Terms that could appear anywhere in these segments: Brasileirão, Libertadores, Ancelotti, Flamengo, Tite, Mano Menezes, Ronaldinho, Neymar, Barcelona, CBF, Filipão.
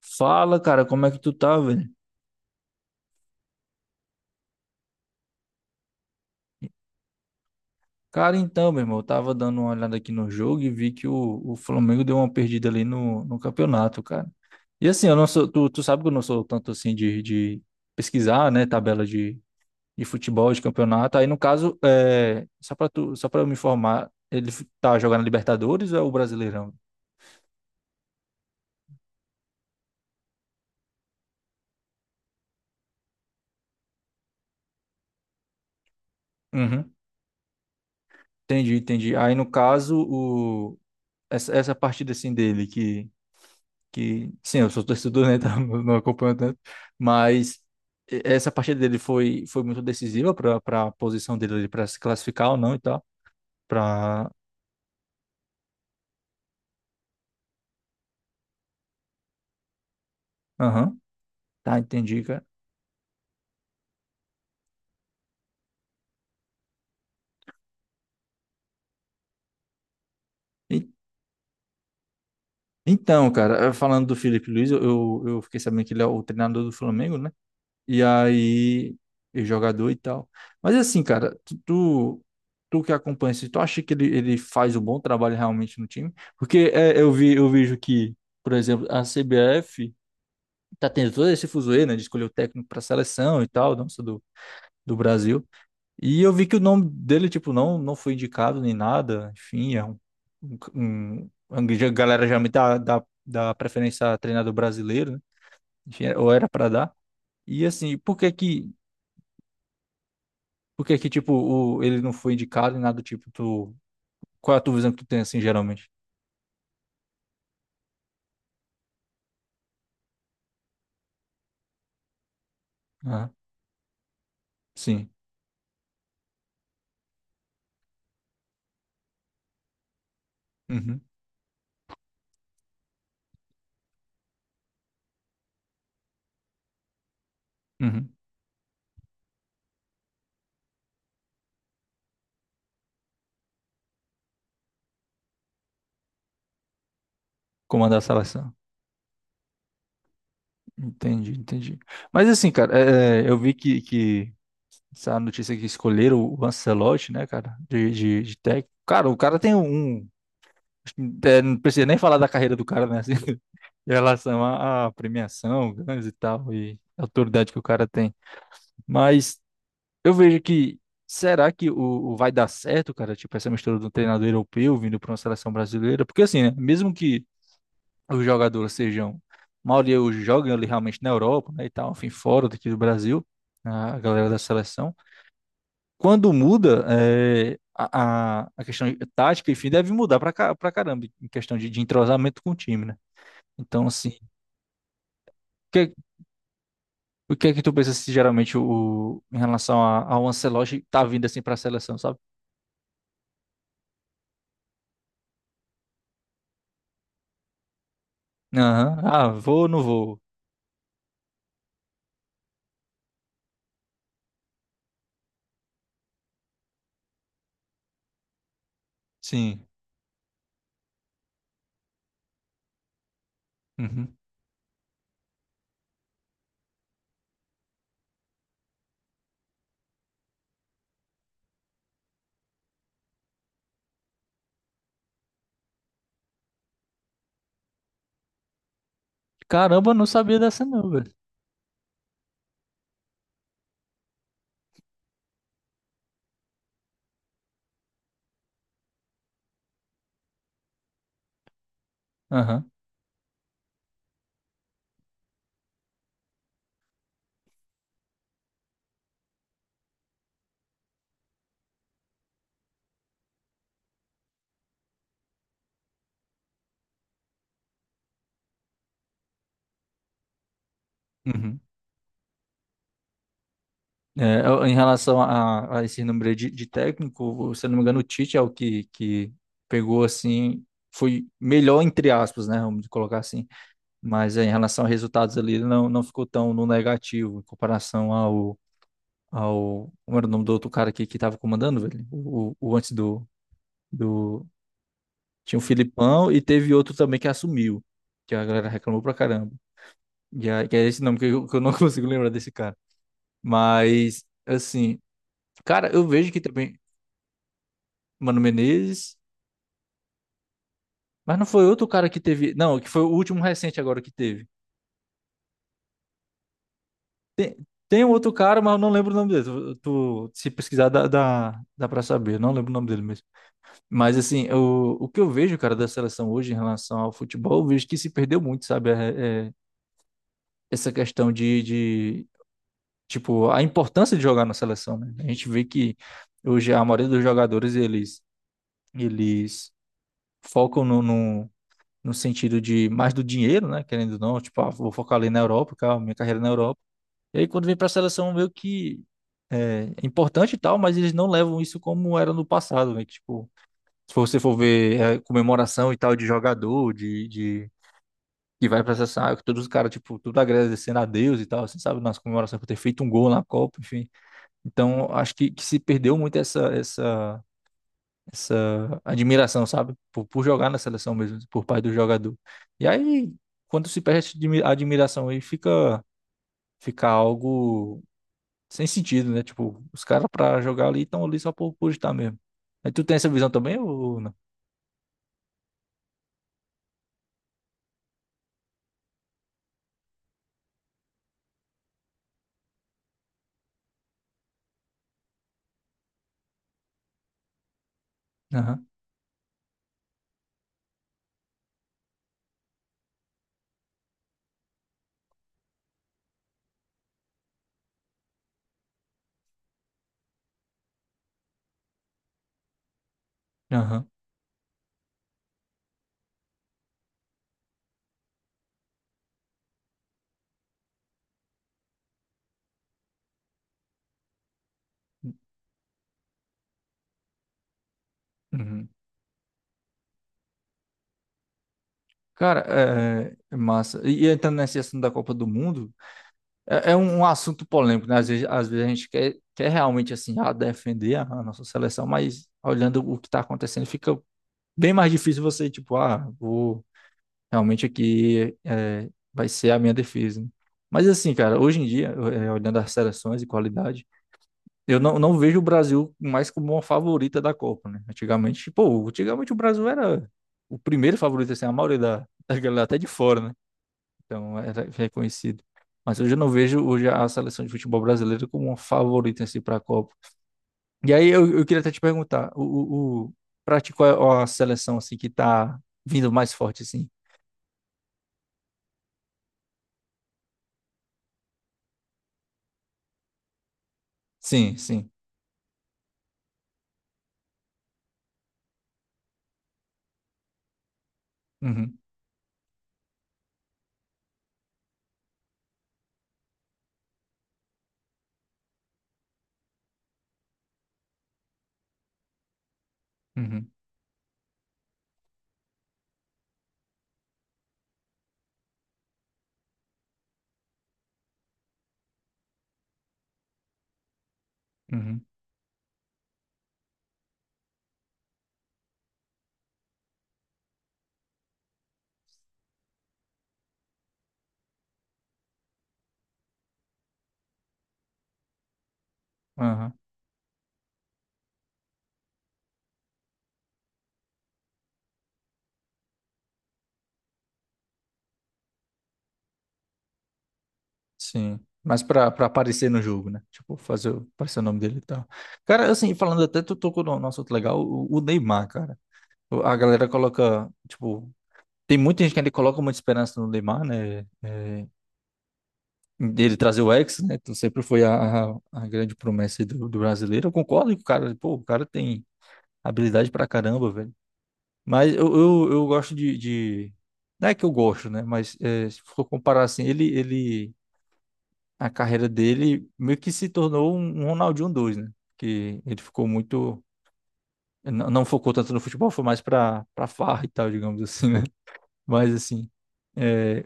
Fala, cara, como é que tu tá, velho? Cara, então, meu irmão, eu tava dando uma olhada aqui no jogo e vi que o Flamengo deu uma perdida ali no campeonato, cara. E assim, eu não sou, tu sabe que eu não sou tanto assim de pesquisar, né, tabela de futebol, de campeonato. Aí, no caso, só pra tu, só pra eu me informar, tá jogando Libertadores ou é o Brasileirão? Uhum. Entendi, entendi. Aí, no caso, essa partida assim dele, que sim, eu sou torcedor, né, tá? Eu não acompanho tanto, mas essa partida dele foi muito decisiva para a posição dele para se classificar ou não e tal, para aham, tá, entendi, cara. E- então, cara, falando do Felipe Luiz, eu fiquei sabendo que ele é o treinador do Flamengo, né? E aí, e jogador e tal. Mas assim, cara, Tu que acompanha isso, tu acha que ele faz um bom trabalho realmente no time? Porque eu vi, eu vejo que, por exemplo, a CBF tá tendo todo esse fuzuê, né, de escolher o técnico para seleção e tal, nossa, do Brasil. E eu vi que o nome dele, tipo, não foi indicado nem nada, enfim, é a galera já me dá preferência a treinador brasileiro, né? Enfim, ou era para dar. E assim, por que que, tipo, ele não foi indicado e nada do tipo, tu, qual é a tua visão que tu tem, assim, geralmente? Ah, sim. Uhum, uhum. Comandar a seleção. Entendi, entendi. Mas assim, cara, eu vi que essa notícia que escolheram o Ancelotti, né, cara, de técnico. Cara, o cara tem um. É, não precisa nem falar da carreira do cara, né? Assim, em relação à à premiação, ganhos e tal, e a autoridade que o cara tem. Mas eu vejo que. Será que o vai dar certo, cara? Tipo, essa mistura do treinador europeu vindo para uma seleção brasileira? Porque assim, né? Mesmo que os jogadores sejam. A maioria hoje jogam ali realmente na Europa, né? E tal, enfim, fora daqui do Brasil, a galera da seleção. Quando muda é, a questão de tática, enfim, deve mudar pra, pra caramba em questão de entrosamento com o time, né? Então, assim, o que, o que é que tu pensa se geralmente em relação a, ao Ancelotti tá vindo assim pra seleção, sabe? Aham, ah, vou ou não vou? Sim. Uhum. Caramba, não sabia dessa não, velho. Aham. Uhum. É, em relação a esse número de técnico, se eu não me engano, o Tite é o que pegou assim, foi melhor entre aspas, né? Vamos colocar assim, mas é, em relação a resultados ali, ele não, não ficou tão no negativo em comparação ao, ao. Como era o nome do outro cara aqui que tava comandando, velho? O antes do, do. Tinha o Filipão e teve outro também que assumiu, que a galera reclamou pra caramba. E aí, que é esse nome que eu não consigo lembrar desse cara. Mas, assim, cara, eu vejo que também. Mano Menezes. Mas não foi outro cara que teve. Não, que foi o último recente agora que teve. Tem um outro cara, mas eu não lembro o nome dele. Se pesquisar, dá pra saber. Eu não lembro o nome dele mesmo. Mas, assim, o que eu vejo, cara, da seleção hoje em relação ao futebol, eu vejo que se perdeu muito, sabe? É essa questão tipo, a importância de jogar na seleção, né? A gente vê que hoje a maioria dos jogadores, eles focam no sentido de mais do dinheiro, né? Querendo ou não, tipo, ah, vou focar ali na Europa, cara, minha carreira na Europa. E aí, quando vem para a seleção, meio que é, é importante e tal, mas eles não levam isso como era no passado, né? Que, tipo, se você for ver é, comemoração e tal de jogador, de que vai pra seleção, ah, todos os caras, tipo, tudo agradecendo a Deus e tal, você sabe, nas comemorações por ter feito um gol na Copa, enfim. Então, acho que se perdeu muito essa admiração, sabe? Por jogar na seleção mesmo, por parte do jogador. E aí, quando se perde essa admiração aí, fica, fica algo sem sentido, né? Tipo, os caras pra jogar ali estão ali só por estar mesmo. Aí tu tem essa visão também ou não? Aham, aham. Uhum. Cara, é, é massa. E entrando nesse assunto da Copa do Mundo, é, é um um assunto polêmico, né? Às vezes a gente quer, quer realmente, assim, ah, defender a nossa seleção, mas olhando o que tá acontecendo, fica bem mais difícil você, tipo, ah, vou realmente aqui, é, vai ser a minha defesa, né? Mas assim, cara, hoje em dia, olhando as seleções e qualidade, eu não, não vejo o Brasil mais como uma favorita da Copa, né? Antigamente, pô, antigamente o Brasil era o primeiro favorito, assim, a maioria da, da galera até de fora, né? Então era reconhecido. Mas hoje eu não vejo hoje a seleção de futebol brasileira como uma favorita, assim, para a Copa. E aí eu queria até te perguntar, o, o, pra ti, qual é a seleção, assim, que tá vindo mais forte, assim? Sim, sim. Uhum, uhum, uhum, aham. Sim. Mas pra, pra aparecer no jogo, né? Tipo, aparecer o nome dele e tal. Cara, assim, falando até, tu tocou no nosso outro legal, o Neymar, cara. A galera coloca, tipo, tem muita gente que ainda coloca muita esperança no Neymar, né? É, dele trazer o ex, né? Então sempre foi a grande promessa aí do brasileiro. Eu concordo que o cara, pô, o cara tem habilidade pra caramba, velho. Mas eu gosto de. Não é que eu gosto, né? Mas é, se for comparar assim, ele a carreira dele meio que se tornou um Ronaldinho 2, né? Que ele ficou muito. Não, não focou tanto no futebol, foi mais pra, pra farra e tal, digamos assim, né? Mas assim. É,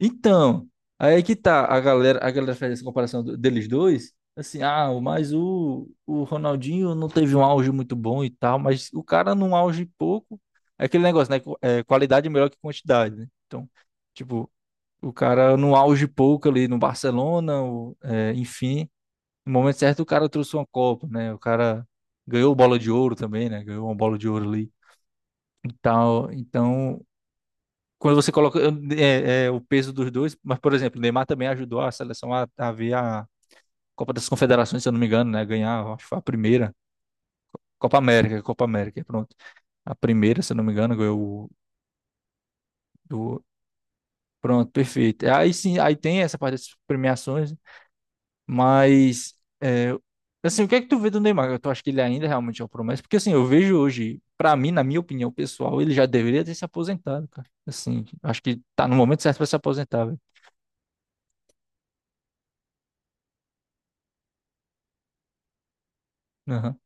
então, aí é que tá, a galera faz essa comparação deles dois. Assim, ah, o Ronaldinho não teve um auge muito bom e tal, mas o cara num auge pouco. É aquele negócio, né? É, qualidade é melhor que quantidade, né? Então, tipo, o cara no auge pouco ali no Barcelona, é, enfim. No momento certo, o cara trouxe uma Copa, né? O cara ganhou bola de ouro também, né? Ganhou uma bola de ouro ali e tal. Então, quando você coloca é, é, o peso dos dois, mas, por exemplo, o Neymar também ajudou a seleção a ver a Copa das Confederações, se eu não me engano, né? Ganhar, acho que foi a primeira. Copa América, Copa América, pronto. A primeira, se eu não me engano, ganhou do. Pronto, perfeito. Aí sim, aí tem essa parte das premiações. Mas, é, assim, o que é que tu vê do Neymar? Tu acha que ele ainda realmente é uma promessa? Porque, assim, eu vejo hoje, pra mim, na minha opinião pessoal, ele já deveria ter se aposentado, cara. Assim, acho que tá no momento certo pra se aposentar, velho. Aham.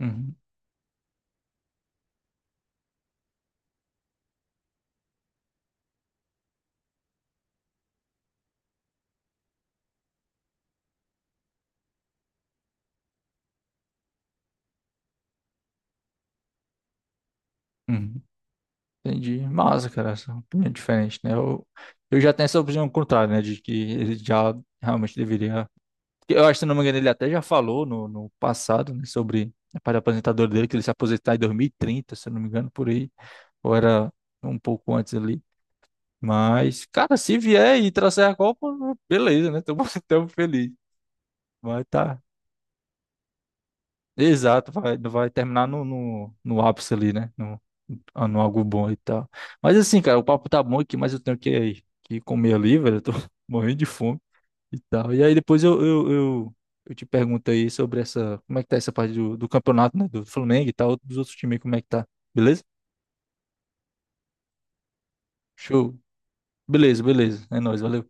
Uhum. Uhum. Entendi. Massa, cara, essa opinião é diferente, né? Eu já tenho essa opinião contrária, né? De que ele já realmente deveria. Eu acho, se não me engano, ele até já falou no passado, né, sobre a parte aposentadora dele, que ele se aposentar em 2030, se eu não me engano, por aí. Ou era um pouco antes ali. Mas, cara, se vier e trouxer a Copa, beleza, né? Tamo, tamo feliz. Mas tá. Exato, vai, vai terminar no ápice ali, né? No, no algo bom e tal. Mas assim, cara, o papo tá bom aqui, mas eu tenho que comer ali, velho. Eu tô morrendo de fome e tal. E aí depois eu te pergunto aí sobre essa, como é que tá essa parte do campeonato, né? Do Flamengo e tal, dos outros times, como é que tá? Beleza? Show. Beleza, beleza. É nóis, valeu.